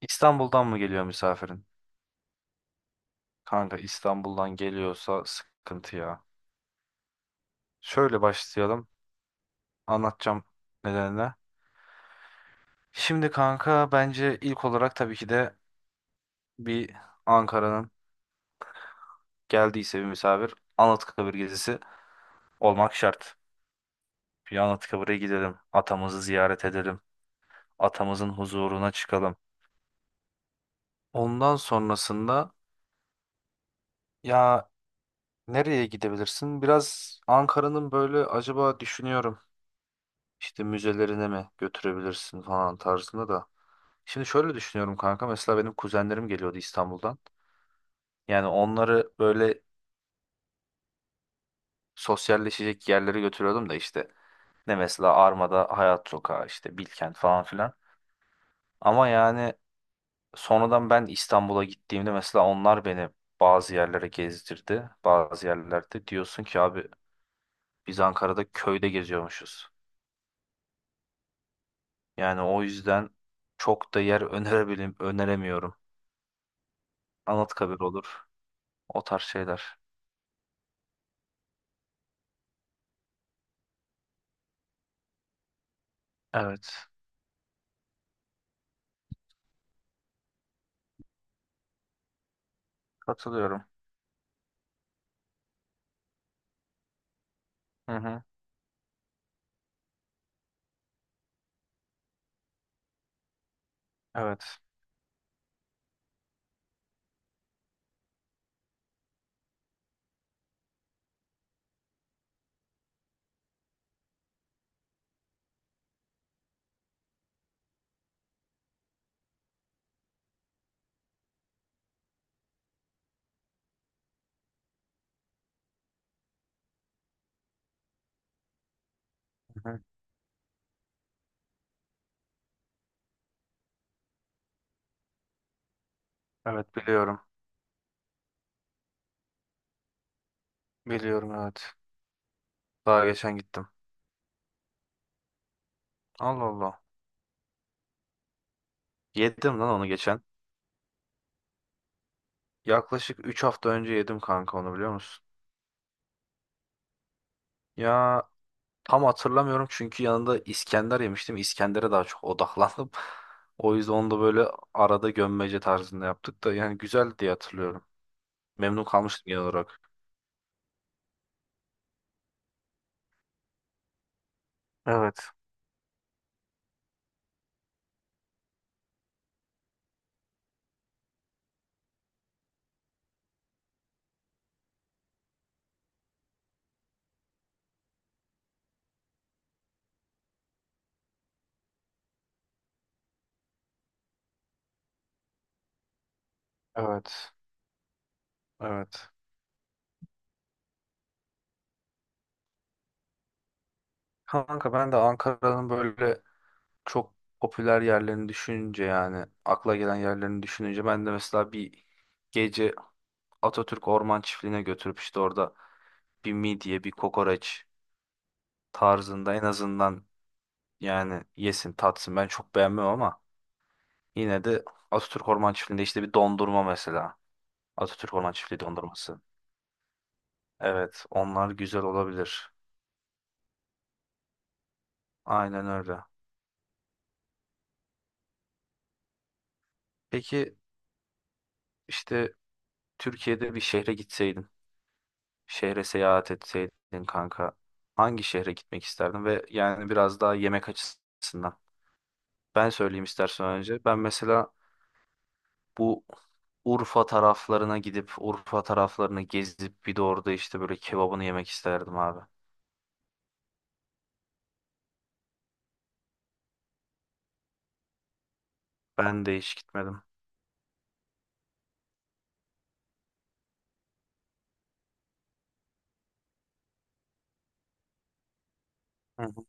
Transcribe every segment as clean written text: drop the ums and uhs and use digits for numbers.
İstanbul'dan mı geliyor misafirin? Kanka İstanbul'dan geliyorsa sıkıntı ya. Şöyle başlayalım. Anlatacağım nedenine. Şimdi kanka bence ilk olarak tabii ki de bir Ankara'nın geldiyse bir misafir Anıtkabir gezisi olmak şart. Bir Anıtkabir'e gidelim. Atamızı ziyaret edelim. Atamızın huzuruna çıkalım. Ondan sonrasında ya nereye gidebilirsin? Biraz Ankara'nın böyle acaba düşünüyorum. İşte müzelerine mi götürebilirsin falan tarzında da. Şimdi şöyle düşünüyorum kanka, mesela benim kuzenlerim geliyordu İstanbul'dan. Yani onları böyle sosyalleşecek yerlere götürüyordum da işte, ne mesela, Arma'da Hayat Sokağı, işte Bilkent falan filan. Ama yani sonradan ben İstanbul'a gittiğimde mesela onlar beni bazı yerlere gezdirdi. Bazı yerlerde diyorsun ki abi, biz Ankara'da köyde geziyormuşuz. Yani o yüzden çok da yer önerebilirim, öneremiyorum. Anıtkabir olur. O tarz şeyler. Evet. Katılıyorum. Hı hı. Evet. Hı hı. Evet, biliyorum. Biliyorum, evet. Daha geçen gittim. Allah Allah. Yedim lan onu geçen. Yaklaşık 3 hafta önce yedim kanka, onu biliyor musun? Ya, tam hatırlamıyorum çünkü yanında İskender yemiştim. İskender'e daha çok odaklandım. O yüzden onu da böyle arada gömmece tarzında yaptık da, yani güzeldi diye hatırlıyorum. Memnun kalmıştım genel olarak. Evet. Evet. Evet. Kanka ben de Ankara'nın böyle çok popüler yerlerini düşününce, yani akla gelen yerlerini düşününce, ben de mesela bir gece Atatürk Orman Çiftliği'ne götürüp işte orada bir midye, bir kokoreç tarzında en azından, yani yesin tatsın, ben çok beğenmem ama yine de Atatürk Orman Çiftliği'nde işte bir dondurma mesela, Atatürk Orman Çiftliği dondurması, evet onlar güzel olabilir, aynen öyle. Peki, işte Türkiye'de bir şehre gitseydin, şehre seyahat etseydin kanka, hangi şehre gitmek isterdin? Ve yani biraz daha yemek açısından. Ben söyleyeyim istersen önce. Ben mesela bu Urfa taraflarına gidip Urfa taraflarını gezip bir de orada işte böyle kebabını yemek isterdim abi. Ben de hiç gitmedim. Hı hı.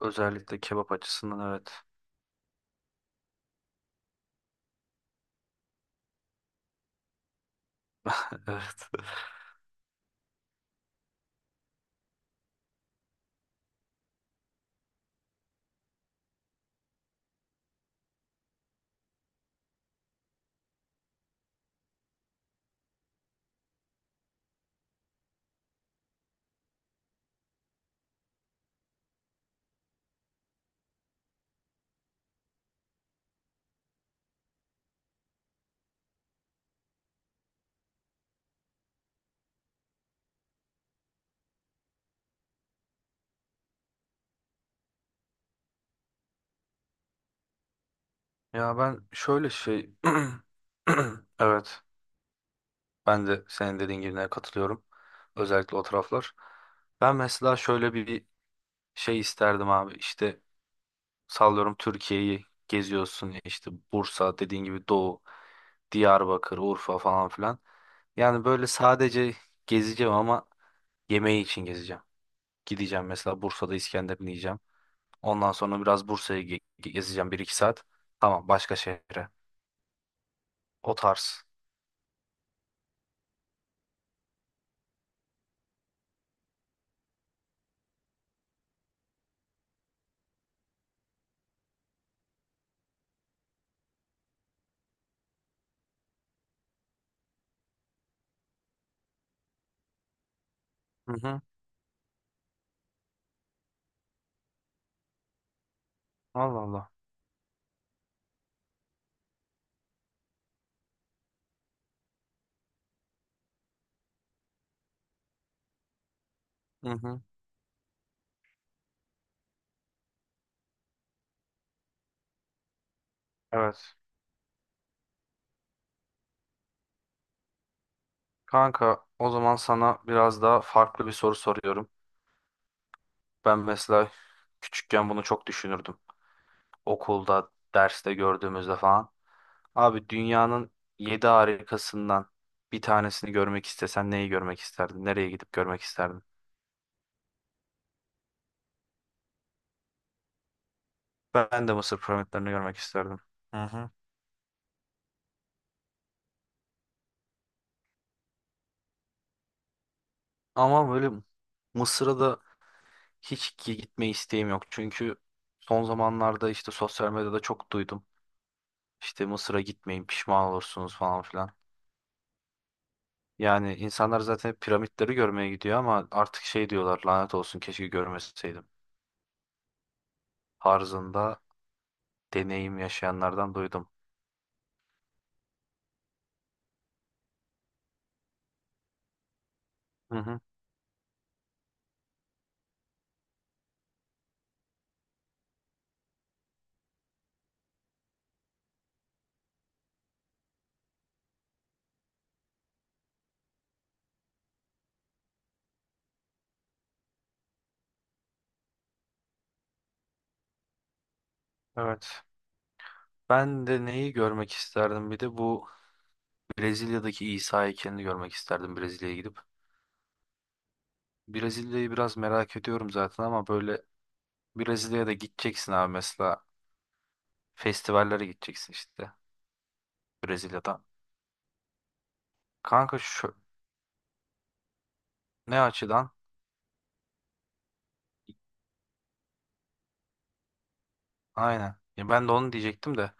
Özellikle kebap açısından, evet. Evet. Ya ben şöyle şey evet, ben de senin dediğin gibi katılıyorum. Özellikle o taraflar. Ben mesela şöyle bir şey isterdim abi, işte sallıyorum, Türkiye'yi geziyorsun ya, işte Bursa, dediğin gibi doğu, Diyarbakır, Urfa falan filan. Yani böyle sadece gezeceğim ama yemeği için gezeceğim. Gideceğim mesela Bursa'da İskender'ini yiyeceğim. Ondan sonra biraz Bursa'yı gezeceğim bir iki saat. Tamam, başka şehre. O tarz. Hı hı. Allah Allah. Hı hı. Evet. Kanka o zaman sana biraz daha farklı bir soru soruyorum. Ben mesela küçükken bunu çok düşünürdüm. Okulda, derste gördüğümüzde falan. Abi, dünyanın yedi harikasından bir tanesini görmek istesen, neyi görmek isterdin? Nereye gidip görmek isterdin? Ben de Mısır piramitlerini görmek isterdim. Hı hı. Ama böyle Mısır'a da hiç gitme isteğim yok. Çünkü son zamanlarda işte sosyal medyada çok duydum. İşte Mısır'a gitmeyin, pişman olursunuz falan filan. Yani insanlar zaten hep piramitleri görmeye gidiyor ama artık şey diyorlar, lanet olsun, keşke görmeseydim. Tarzında deneyim yaşayanlardan duydum. Hı hı, evet. Ben de neyi görmek isterdim bir de, bu Brezilya'daki İsa heykelini görmek isterdim, Brezilya'ya gidip. Brezilya'yı biraz merak ediyorum zaten ama böyle Brezilya'ya da gideceksin abi, mesela festivallere gideceksin işte Brezilya'dan. Kanka şu ne açıdan? Aynen. Ya ben de onu diyecektim de,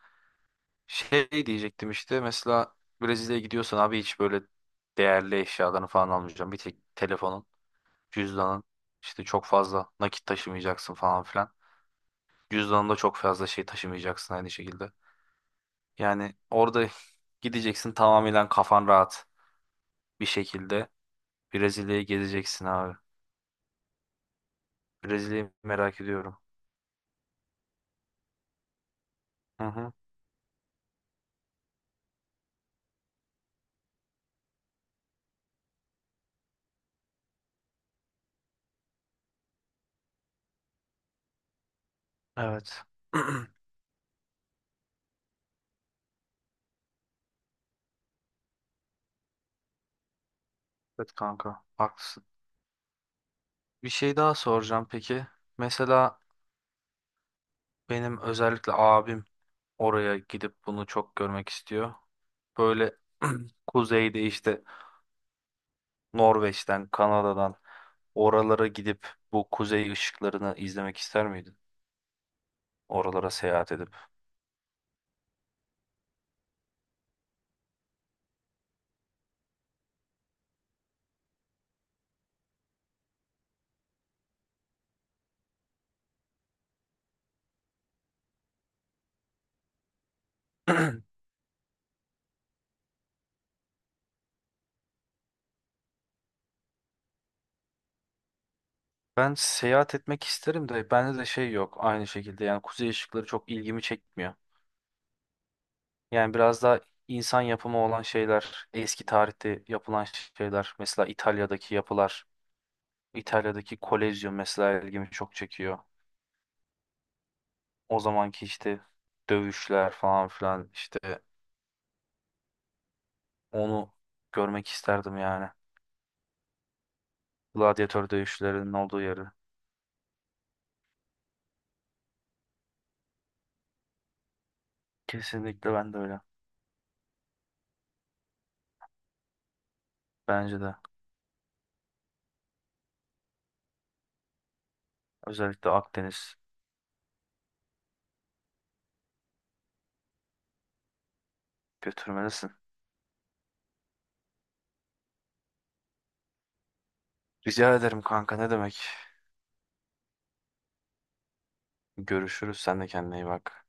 şey diyecektim, işte mesela Brezilya'ya gidiyorsan abi hiç böyle değerli eşyalarını falan almayacağım. Bir tek telefonun. Cüzdanın, işte çok fazla nakit taşımayacaksın falan filan. Cüzdanında çok fazla şey taşımayacaksın aynı şekilde. Yani orada gideceksin tamamen kafan rahat bir şekilde. Brezilya'yı gezeceksin abi. Brezilya'yı merak ediyorum. Hı hı. Evet. Evet kanka, haklısın. Bir şey daha soracağım peki. Mesela benim özellikle abim oraya gidip bunu çok görmek istiyor. Böyle kuzeyde, işte Norveç'ten, Kanada'dan, oralara gidip bu kuzey ışıklarını izlemek ister miydin? Oralara seyahat edip. Ben seyahat etmek isterim de bende de şey yok aynı şekilde, yani kuzey ışıkları çok ilgimi çekmiyor. Yani biraz daha insan yapımı olan şeyler, eski tarihte yapılan şeyler, mesela İtalya'daki yapılar, İtalya'daki Kolezyum mesela ilgimi çok çekiyor. O zamanki işte dövüşler falan filan işte, onu görmek isterdim yani. Gladyatör dövüşçülerinin olduğu yeri. Kesinlikle ben de öyle. Bence de. Özellikle Akdeniz, götürmelisin. Rica ederim kanka, ne demek. Görüşürüz. Sen de kendine iyi bak.